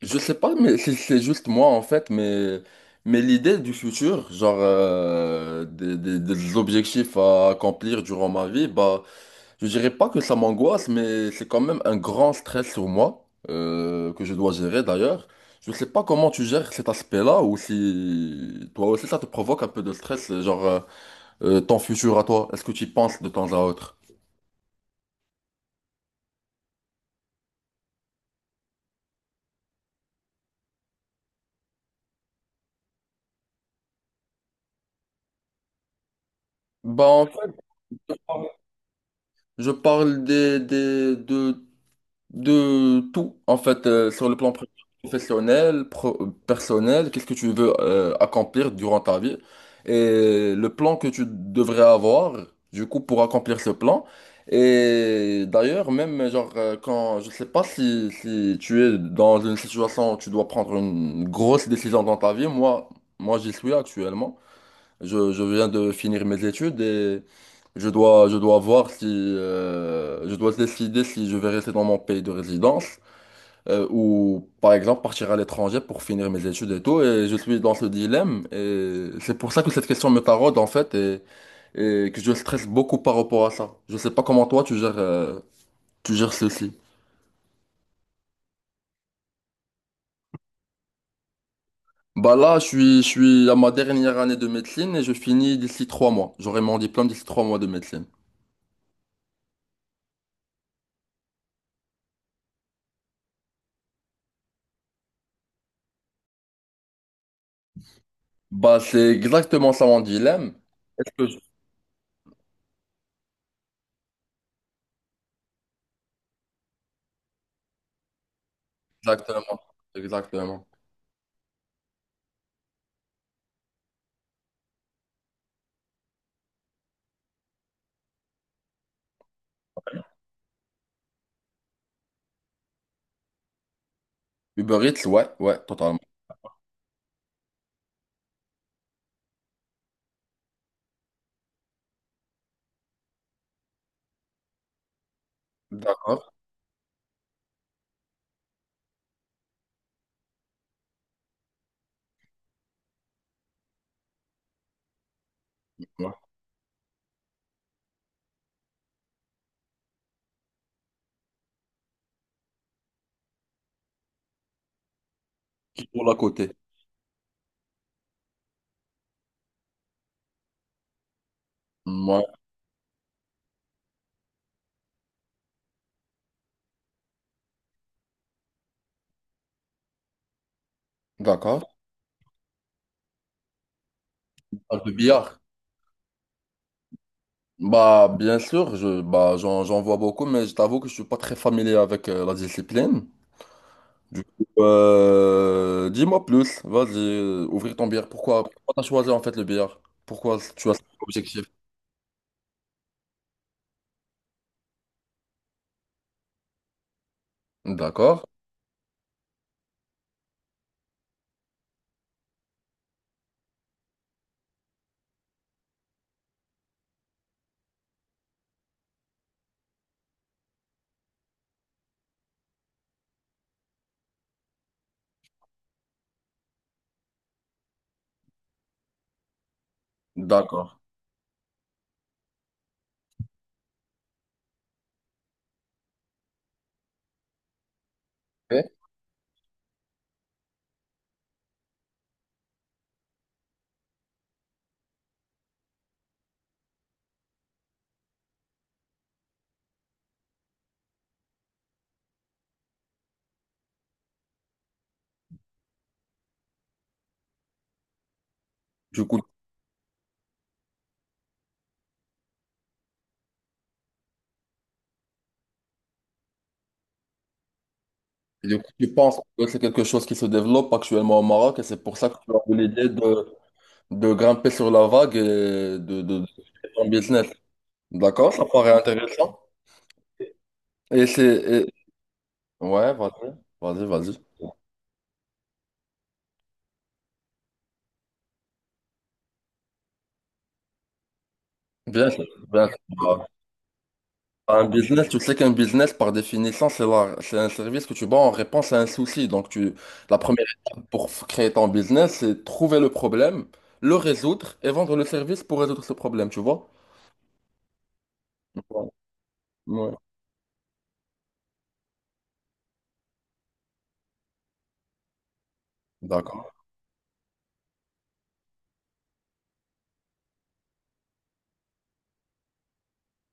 Je sais pas, mais c'est juste moi en fait, mais, l'idée du futur, genre des objectifs à accomplir durant ma vie, bah, je dirais pas que ça m'angoisse, mais c'est quand même un grand stress sur moi, que je dois gérer d'ailleurs. Je sais pas comment tu gères cet aspect-là, ou si toi aussi ça te provoque un peu de stress, genre ton futur à toi, est-ce que tu y penses de temps à autre? Bah en fait, je parle de tout, en fait, sur le plan professionnel, personnel, qu'est-ce que tu veux accomplir durant ta vie et le plan que tu devrais avoir, du coup, pour accomplir ce plan. Et d'ailleurs, même, genre, quand, je sais pas si tu es dans une situation où tu dois prendre une grosse décision dans ta vie, moi, j'y suis actuellement. Je viens de finir mes études et je dois voir si je dois décider si je vais rester dans mon pays de résidence ou par exemple partir à l'étranger pour finir mes études et tout. Et je suis dans ce dilemme et c'est pour ça que cette question me taraude en fait et que je stresse beaucoup par rapport à ça. Je sais pas comment toi tu gères ceci. Bah là, je suis à ma dernière année de médecine et je finis d'ici 3 mois. J'aurai mon diplôme d'ici 3 mois de médecine. Bah, c'est exactement ça mon dilemme. Est-ce que je- Exactement. Exactement. Uber Eats, ouais, ouais, totalement. D'accord. Ouais. Qui pour l'à côté. Ouais, d'accord. Ah, le billard. Bah, bien sûr, bah, j'en vois beaucoup, mais je t'avoue que je suis pas très familier avec la discipline. Du coup, dis-moi plus. Vas-y, ouvrir ton billard. Pourquoi t'as choisi en fait le billard? Pourquoi tu as cet objectif? D'accord. D'accord. Ok. Du coup, Du coup, tu penses que c'est quelque chose qui se développe actuellement au Maroc et c'est pour ça que tu as eu l'idée de grimper sur la vague et de créer ton business. D'accord, ça paraît intéressant. Et c'est... et- Ouais, vas-y, vas-y, vas-y. Bien sûr, bien sûr. Bah, un business, tu sais qu'un business, par définition, c'est un service que tu vends en réponse à un souci. Donc, la première étape pour créer ton business, c'est trouver le problème, le résoudre et vendre le service pour résoudre ce problème, tu vois? Ouais. Ouais. D'accord.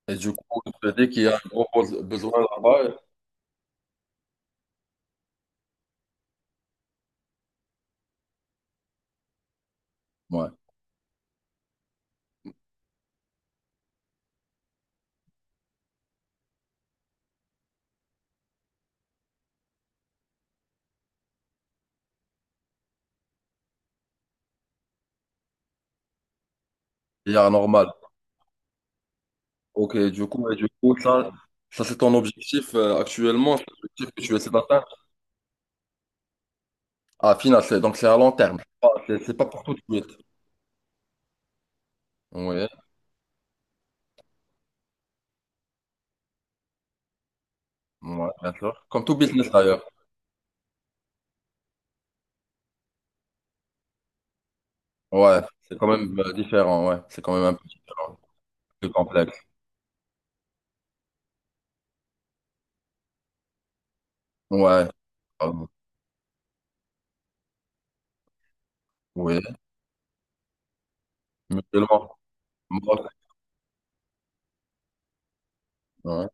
Et du coup, il te dit qu'il y a un gros besoin là-bas. Ouais. Il y a un normal. Ok, du coup, ça c'est ton objectif actuellement, c'est l'objectif que tu essaies d'atteindre. Ah, final, c'est donc c'est à long terme. Ah, c'est pas pour tout de suite. Oui, ouais, bien sûr. Comme tout business d'ailleurs. Ouais, c'est quand même différent, ouais. C'est quand même un peu différent, plus complexe. Ouais, euh, oui, mutuellement. Moi, ouais.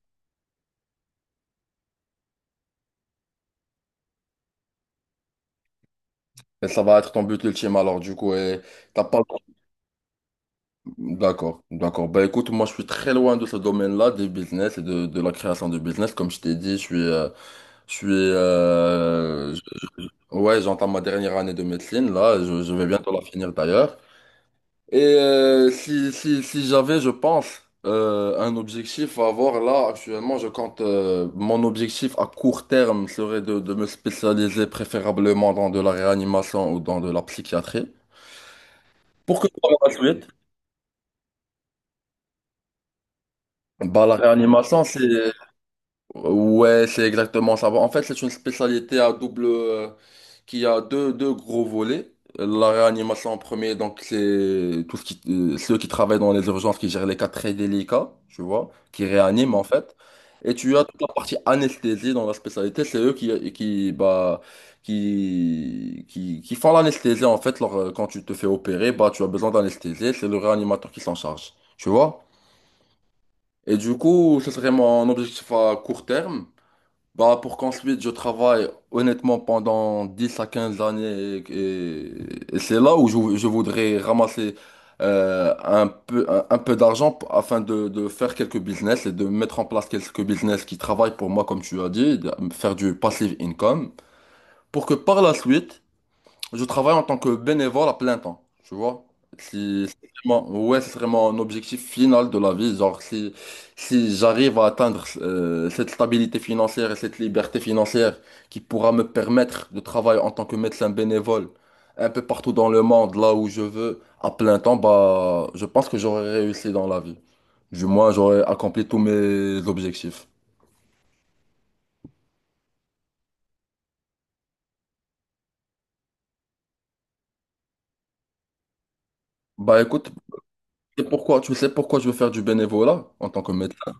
Et ça va être ton but ultime alors, du coup. Et t'as pas D'accord, d'accord. Bah écoute, moi je suis très loin de ce domaine-là, des business et de la création de business. Comme je t'ai dit, je suis, euh, ouais, j'entends ma dernière année de médecine là. Je vais bientôt la finir d'ailleurs. Et si j'avais, je pense, un objectif à avoir là actuellement, je compte. Mon objectif à court terme serait de me spécialiser préférablement dans de la réanimation ou dans de la psychiatrie. Pour que par la suite, bah, la réanimation, c'est Ouais, c'est exactement ça. En fait, c'est une spécialité à double qui a deux gros volets. La réanimation en premier, donc c'est tout ceux qui travaillent dans les urgences, qui gèrent les cas très délicats, tu vois, qui réaniment en fait. Et tu as toute la partie anesthésie dans la spécialité, c'est eux qui, bah, qui font l'anesthésie en fait. Lors, quand tu te fais opérer, bah, tu as besoin d'anesthésie, c'est le réanimateur qui s'en charge, tu vois. Et du coup, ce serait mon objectif à court terme. Bah, pour qu'ensuite je travaille honnêtement pendant 10 à 15 années et c'est là où je voudrais ramasser un peu d'argent afin de faire quelques business et de mettre en place quelques business qui travaillent pour moi comme tu as dit, de faire du passive income pour que par la suite je travaille en tant que bénévole à plein temps, tu vois. Si ouais, c'est vraiment un objectif final de la vie. Genre, si j'arrive à atteindre cette stabilité financière et cette liberté financière qui pourra me permettre de travailler en tant que médecin bénévole un peu partout dans le monde, là où je veux, à plein temps, bah, je pense que j'aurai réussi dans la vie. Du moins, j'aurai accompli tous mes objectifs. Bah écoute, c'est pourquoi, tu sais pourquoi je veux faire du bénévolat en tant que médecin?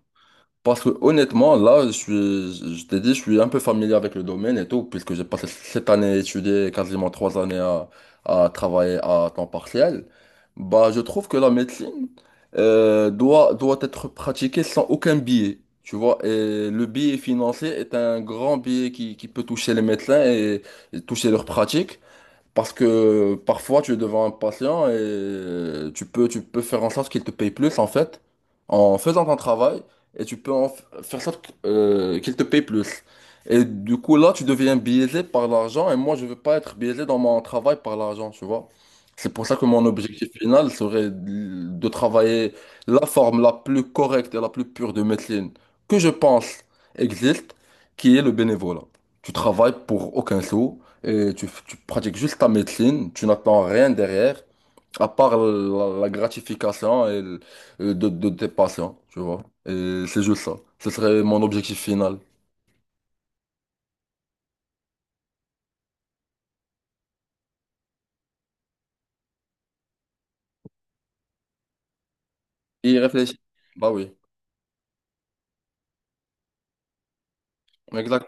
Parce que honnêtement, là, je t'ai dit, je suis un peu familier avec le domaine et tout, puisque j'ai passé cette année à étudier, quasiment 3 années à, travailler à temps partiel. Bah, je trouve que la médecine doit être pratiquée sans aucun biais, tu vois. Et le biais financier est un grand biais qui peut toucher les médecins et toucher leur pratique. Parce que parfois tu es devant un patient et tu peux faire en sorte qu'il te paye plus en fait, en faisant ton travail, et tu peux en faire en sorte qu'il te paye plus. Et du coup là tu deviens biaisé par l'argent et moi je veux pas être biaisé dans mon travail par l'argent, tu vois. C'est pour ça que mon objectif final serait de travailler la forme la plus correcte et la plus pure de médecine que je pense existe, qui est le bénévolat. Tu travailles pour aucun sou et tu pratiques juste ta médecine, tu n'attends rien derrière, à part la gratification et de tes patients, tu vois. Et c'est juste ça. Ce serait mon objectif final. Y réfléchir. Bah oui, exact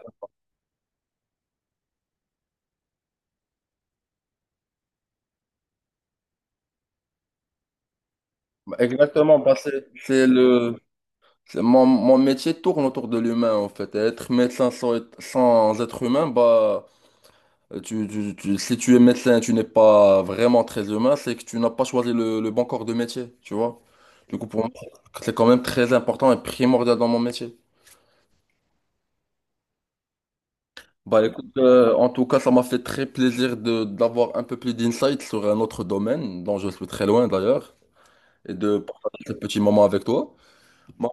Exactement, bah c'est le. Mon métier tourne autour de l'humain, en fait. Et être médecin sans, sans être humain, bah. Si tu es médecin et tu n'es pas vraiment très humain, c'est que tu n'as pas choisi le bon corps de métier, tu vois. Du coup, pour moi, c'est quand même très important et primordial dans mon métier. Bah écoute, en tout cas, ça m'a fait très plaisir de d'avoir un peu plus d'insight sur un autre domaine, dont je suis très loin d'ailleurs, et de partager ce petit moment avec toi. Bah,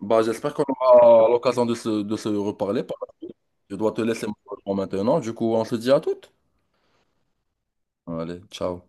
j'espère qu'on aura l'occasion de se reparler. Je dois te laisser maintenant. Du coup, on se dit à toutes. Allez, ciao.